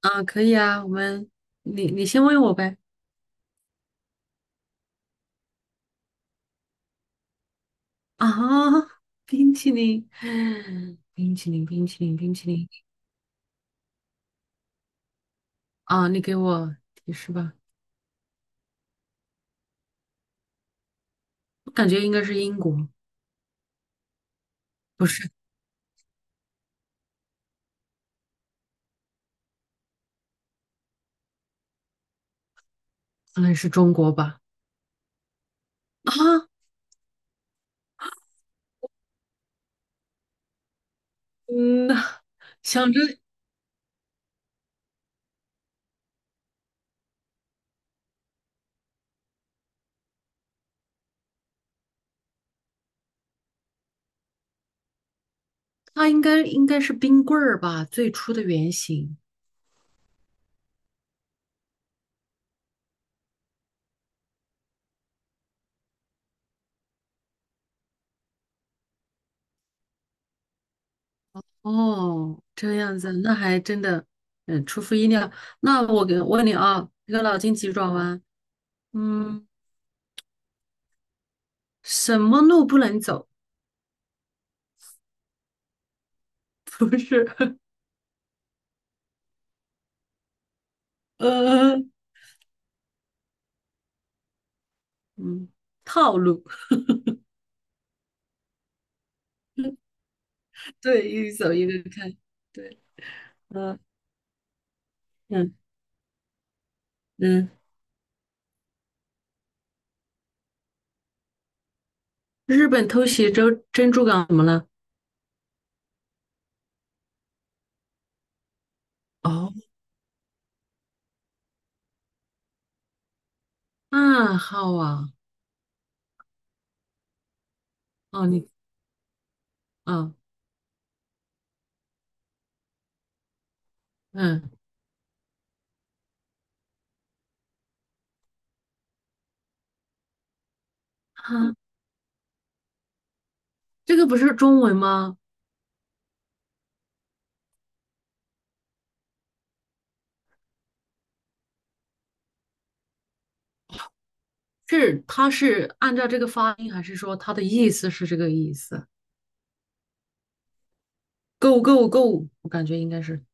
啊，可以啊，你先问我呗。啊，冰淇淋，冰淇淋，冰淇淋，冰淇淋。啊，你给我提示吧。我感觉应该是英国，不是，可能是中国吧。啊，嗯，想着它应该是冰棍儿吧，最初的原型。哦，这样子，那还真的，嗯，出乎意料。那我给问你啊，这个脑筋急转弯，嗯，什么路不能走？不是，呃，嗯，套路，对，一个走一个看，对，呃，嗯嗯，日本偷袭珍珠港怎么了？哦，暗号啊，哦，你，啊嗯，啊，这个不是中文吗？是，它是按照这个发音，还是说它的意思是这个意思？Go go go，我感觉应该是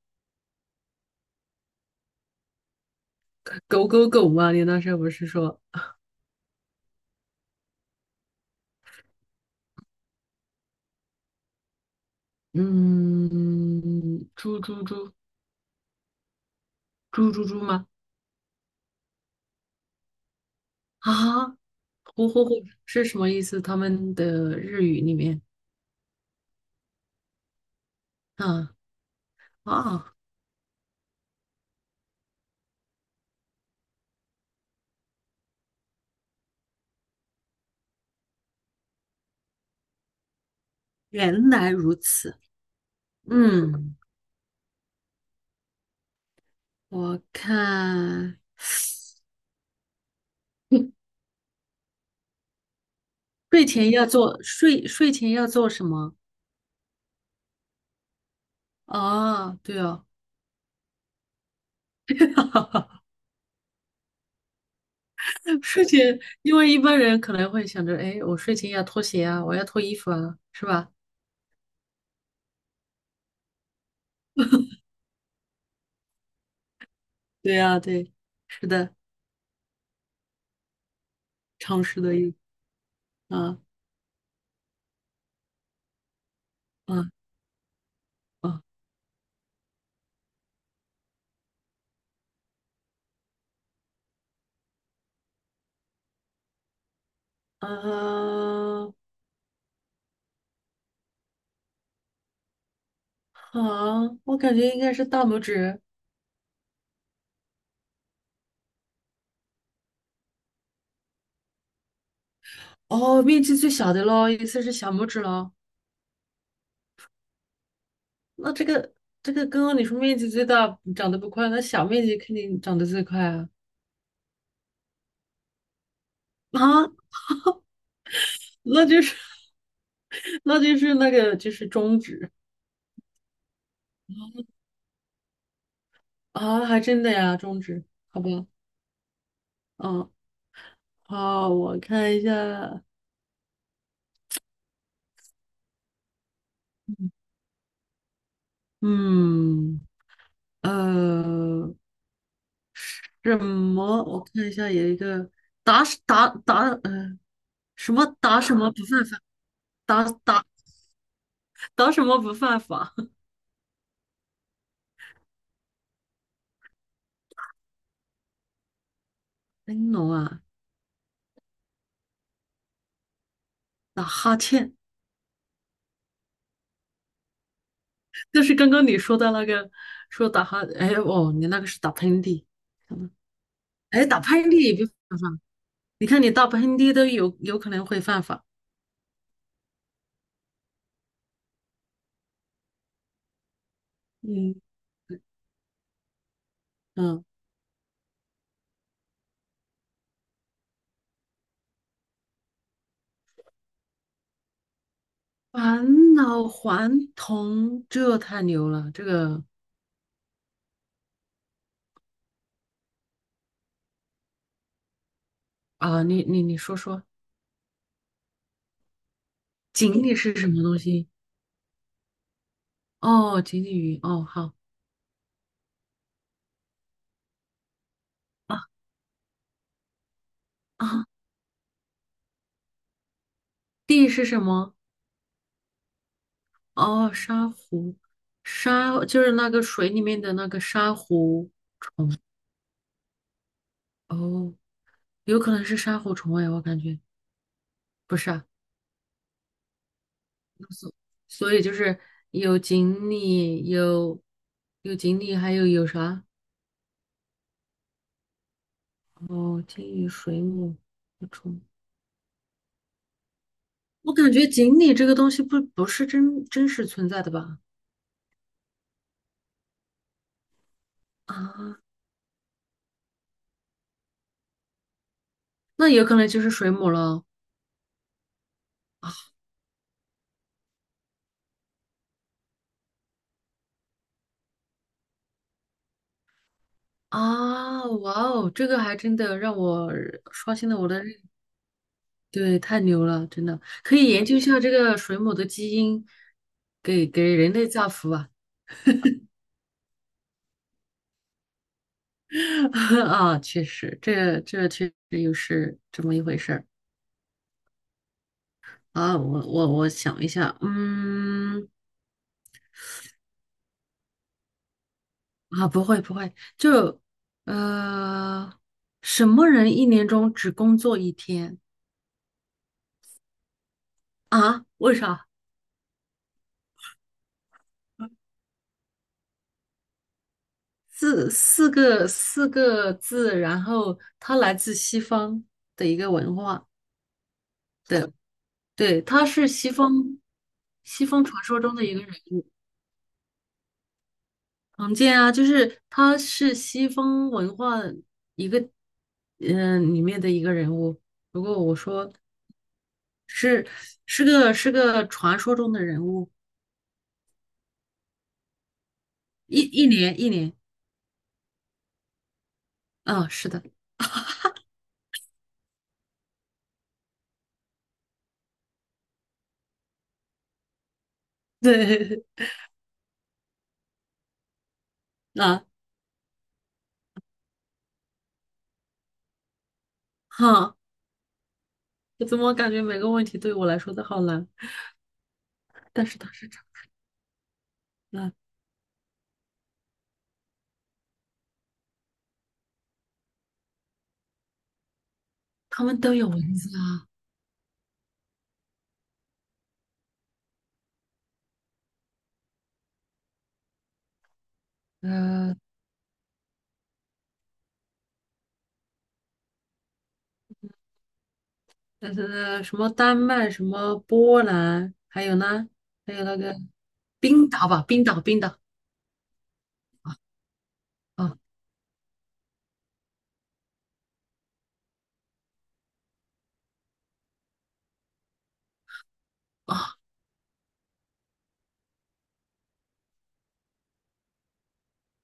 狗狗狗嘛。你那时候不是说，嗯，猪猪猪猪猪猪吗？啊，呼呼呼是什么意思？他们的日语里面啊，啊，原来如此。嗯，我看睡前要做什么？啊，对哦，睡前，因为一般人可能会想着，哎，我睡前要脱鞋啊，我要脱衣服啊，是吧？对啊，对，是的，常识的意思啊，啊，啊，啊，好，我感觉应该是大拇指。哦，面积最小的咯，意思是小拇指咯。那这个刚刚你说面积最大长得不快，那小面积肯定长得最快啊。啊，那就是 那就是就是中指。啊，还真的呀，中指，好吧，嗯，好，我看一下，嗯，呃，什么？我看一下，有一个打什打打，嗯，什么打什么不犯法，打打打什么不犯法？哎，侬啊，打哈欠。就是刚刚你说的那个，说打哈，哎哦，你那个是打喷嚏，可能哎，打喷嚏也不犯法，你看你打喷嚏都有可能会犯法，嗯，嗯，返老还童，这太牛了，这个啊，你说说，锦鲤是什么东西？哦，锦鲤鱼，哦好。啊，啊，地是什么？哦，珊瑚，就是那个水里面的那个珊瑚虫，哦，有可能是珊瑚虫哎，我感觉。不是啊，所以就是有锦鲤，有锦鲤，还有啥？哦，金鱼、水母、不虫。我感觉锦鲤这个东西不是真实存在的吧？啊，那有可能就是水母了。啊！哇哦，这个还真的让我刷新了我的认。对，太牛了，真的可以研究一下这个水母的基因，给人类造福啊！啊，确实，这确实又是这么一回事儿。啊，我想一下，嗯，啊，不会不会，就呃，什么人一年中只工作一天。啊？为啥？四个字，然后它来自西方的一个文化，对对，他是西方传说中的一个人物，常见啊，就是他是西方文化一个里面的一个人物。如果我说。是是个传说中的人物，一年，一年。啊，是的，对。 啊，哈，我怎么感觉每个问题对我来说都好难？但是它是这样啊，他们都有文字啊，呃，什么丹麦，什么波兰，还有呢，还有那个冰岛吧，冰岛，冰岛，啊，啊，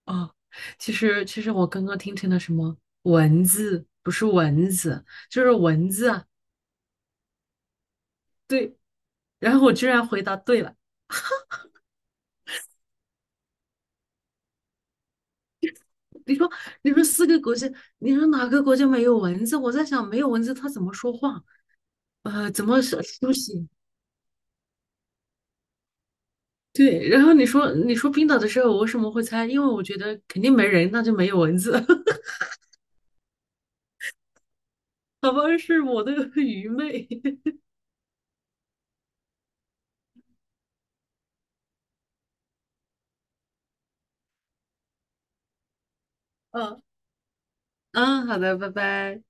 啊！其实我刚刚听成了什么文字，不是蚊子，就是蚊子啊，对，然后我居然回答对了。你说，你说四个国家，你说哪个国家没有蚊子？我在想，没有蚊子它怎么说话？呃，怎么是休息？对，然后你说，你说冰岛的时候，我为什么会猜？因为我觉得肯定没人，那就没有蚊子。好吧，是我的 愚昧。嗯嗯，好的，拜拜。